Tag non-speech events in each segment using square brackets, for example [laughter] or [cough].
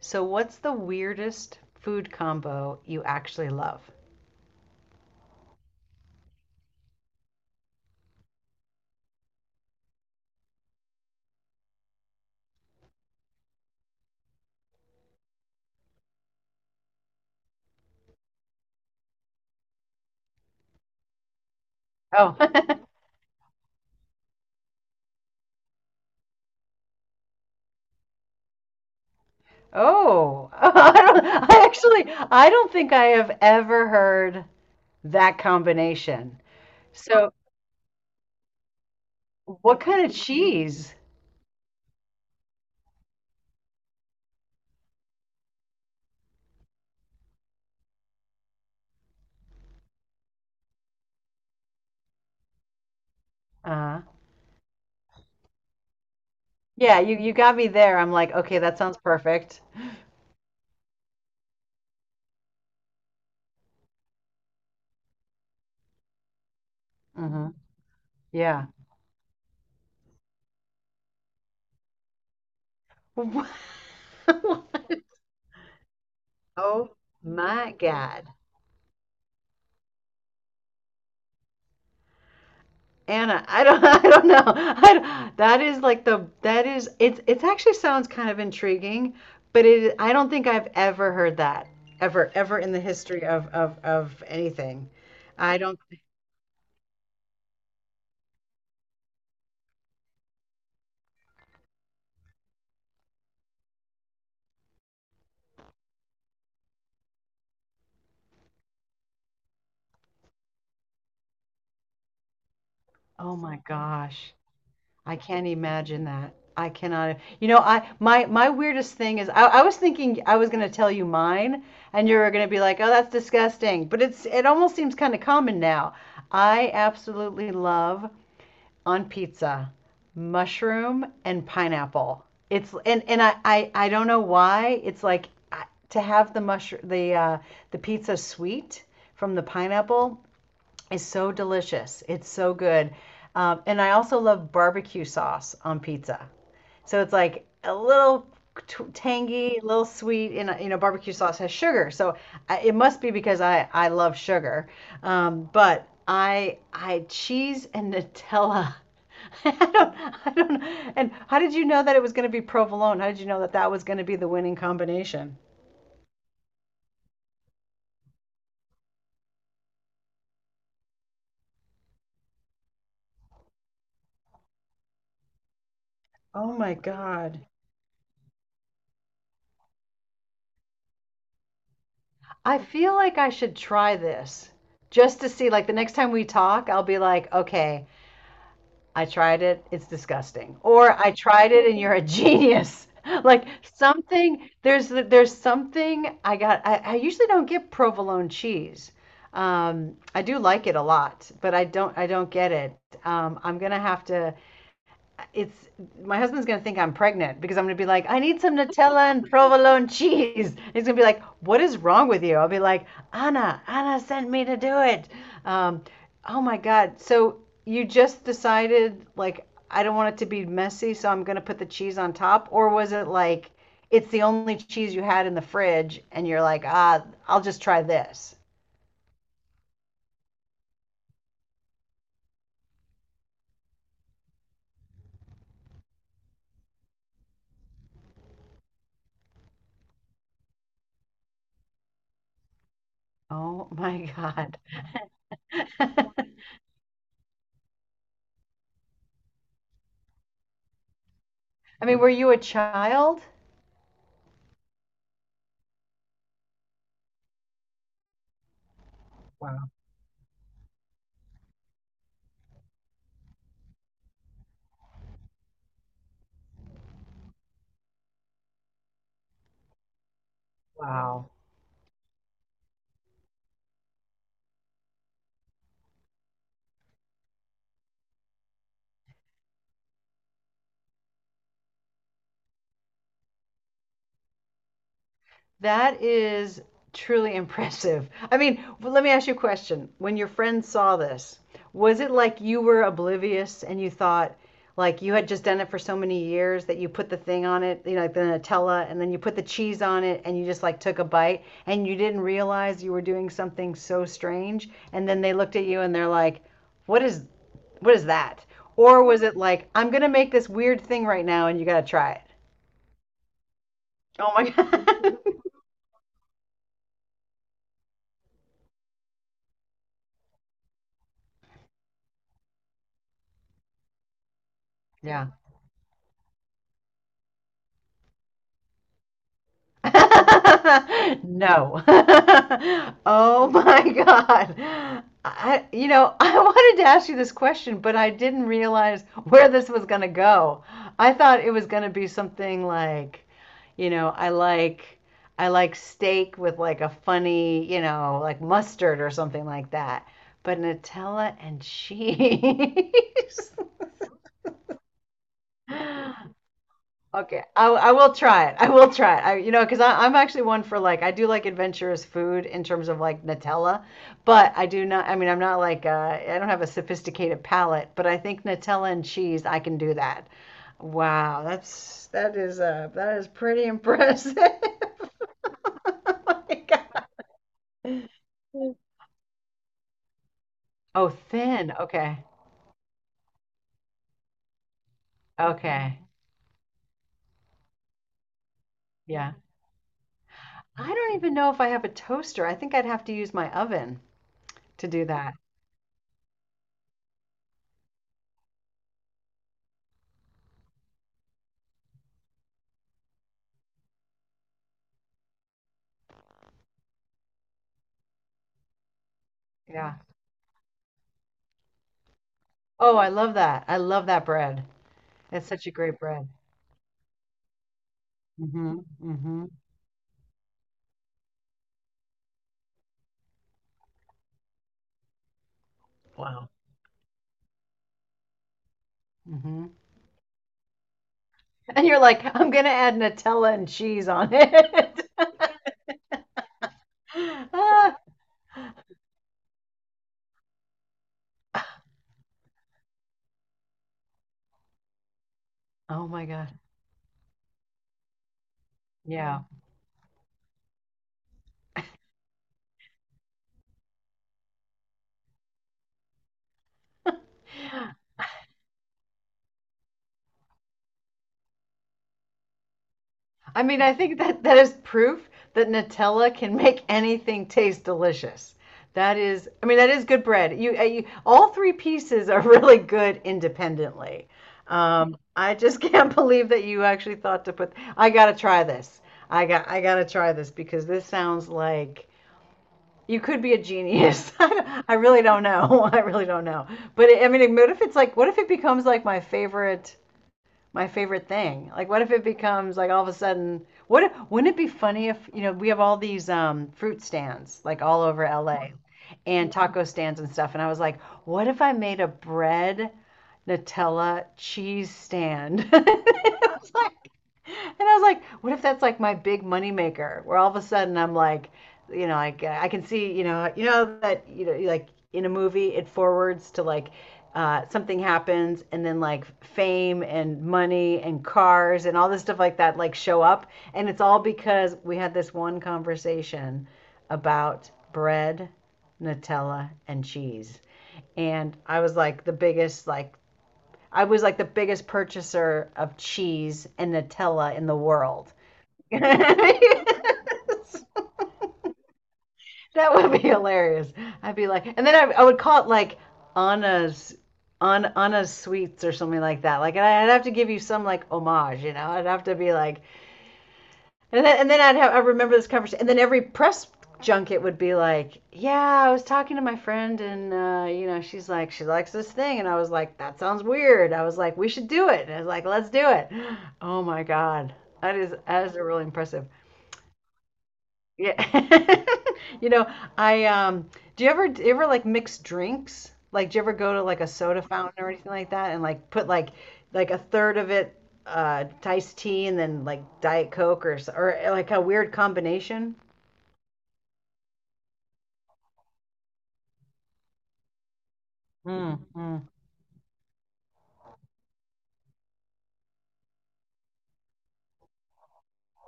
So, what's the weirdest food combo you actually love? Oh, [laughs] oh, [laughs] I actually, I don't think I have ever heard that combination. So, what kind of cheese? Uh, yeah, you got me there. I'm like, okay, that sounds perfect. hmm Yeah. [laughs] Oh my God. Anna, I don't, [laughs] I don't know. I don't- That is like that is, it's actually sounds kind of intriguing, but I don't think I've ever heard that ever, ever in the history of anything. I don't, Oh my gosh, I can't imagine that. I cannot, you know, my, my weirdest thing is I was thinking I was going to tell you mine and you were going to be like, oh, that's disgusting. But it's, it almost seems kind of common now. I absolutely love on pizza, mushroom and pineapple. It's and and I don't know why it's like to have the mushroom the pizza sweet from the pineapple is so delicious. It's so good. And I also love barbecue sauce on pizza. So it's like a little tangy, a little sweet, and you know barbecue sauce has sugar. So I, it must be because I love sugar. But I cheese and Nutella. [laughs] I don't, I don't know. And how did you know that it was going to be provolone? How did you know that that was going to be the winning combination? Oh my God. I feel like I should try this just to see. Like the next time we talk, I'll be like, okay, I tried it, it's disgusting. Or I tried it and you're a genius. [laughs] Like something, there's something I got. I usually don't get provolone cheese. I do like it a lot, but I don't get it. I'm gonna have to it's my husband's gonna think I'm pregnant because I'm gonna be like, I need some Nutella and provolone [laughs] cheese. And he's gonna be like, what is wrong with you? I'll be like, Anna, Anna sent me to do it. Um, oh my God. So you just decided like I don't want it to be messy, so I'm gonna put the cheese on top, or was it like it's the only cheese you had in the fridge and you're like, ah, I'll just try this. Oh my God. [laughs] I mean, were you a child? Wow. That is truly [laughs] impressive. I mean, but let me ask you a question. When your friend saw this, was it like you were oblivious and you thought like you had just done it for so many years that you put the thing on it, you know, like the Nutella, and then you put the cheese on it and you just like took a bite and you didn't realize you were doing something so strange? And then they looked at you and they're like, what is what is that? Or was it like, I'm gonna make this weird thing right now and you gotta try it? Oh my God. [laughs] Yeah. [laughs] No. [laughs] Oh my God. I, you know, [laughs] I wanted to ask you this question, but I didn't realize where this was going to go. I thought it was going to be something like, you know, I like steak with like a funny, you know, like mustard or something like that. But Nutella and cheese. [laughs] Okay, I will try it. I will try it. I, you know, because I'm actually one for like I do like adventurous food in terms of like Nutella, but I do not. I mean, I'm not like I don't have a sophisticated palate, but I think Nutella and cheese I can do that. Wow, that's that is pretty impressive. [laughs] Oh my God. [laughs] Oh, thin. Okay, okay, yeah. I don't even know if I have a toaster. I think I'd have to use my oven to do that. Yeah. Oh, I love that. I love that bread. It's such a great bread. hmm hmm Wow. mm hmm And you're like, I'm gonna add Nutella and cheese on it. [laughs] Ah, oh my God. Yeah. I mean, I think that that is proof that Nutella can make anything taste delicious. That is, I mean, that is good bread. You, you all three pieces are [laughs] really good independently. I just [laughs] can't believe that you actually thought to put, I gotta try this. I gotta try this because this sounds like you could be a genius. [laughs] I really don't know. [laughs] I really don't know. But I mean, what if it's like, what if it becomes like my favorite thing? Like, what if it becomes like all of a sudden, what wouldn't it be funny if, you know, we have all these fruit stands like all over LA and taco stands and stuff. And I was like, what if I made a bread Nutella cheese stand? [laughs] It's like- and I was like, what if that's like my big moneymaker, where all of a sudden I'm like, you know, like I can see, you know that you know, like in a movie, it forwards to like something happens, and then like fame and money and cars and all this stuff like that like show up, and it's all because we had this one conversation about bread, Nutella, and cheese, and I was like the biggest like I was like the biggest purchaser of cheese and Nutella in the world. [laughs] That would be hilarious. I'd be like, and then I would call it like Anna's on Anna's sweets or something like that. Like, and I'd have to give you some like homage, you know. I'd have to be like, and then I remember this conversation, and then every press junket would be like, yeah, I was talking to my friend, and you know, she's like, she likes this thing, and I was like, that sounds weird. I was like, we should do it. And I was like, let's do it. [gasps] Oh my god, that is really impressive. Yeah. [laughs] You know, I do you ever like mix drinks? Like do you ever go to like a soda fountain or anything like that and like put like a third of it iced tea and then like Diet Coke or like a weird combination? Mm, mm,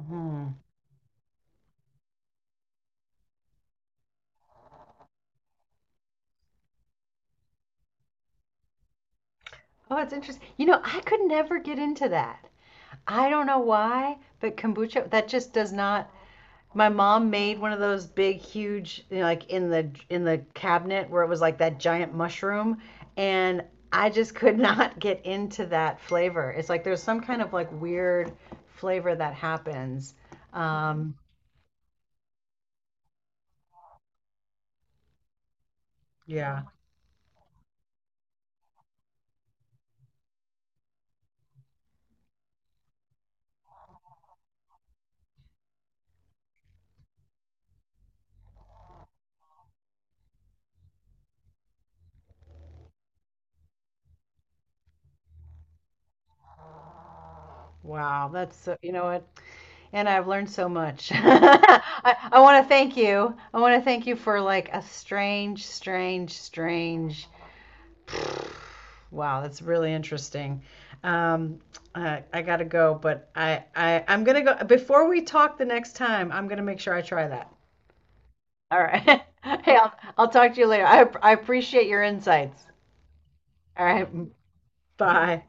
mm. Oh, it's interesting. You know, I could never get into that. I don't know why, but kombucha that just does not. My mom made one of those big, huge, you know, like in the cabinet where it was like that giant mushroom, and I just could [laughs] not get into that flavor. It's like there's some kind of like weird flavor that happens. Um, yeah. Wow, that's so, you know what? And I've learned so much. [laughs] I want to thank you. I want to thank you for like a strange, strange, strange wow, that's really interesting. Um, I gotta go, but I I'm gonna go before we talk the next time. I'm gonna make sure I try that. All right. [laughs] Hey, I'll talk to you later. I appreciate your insights. All right. Bye.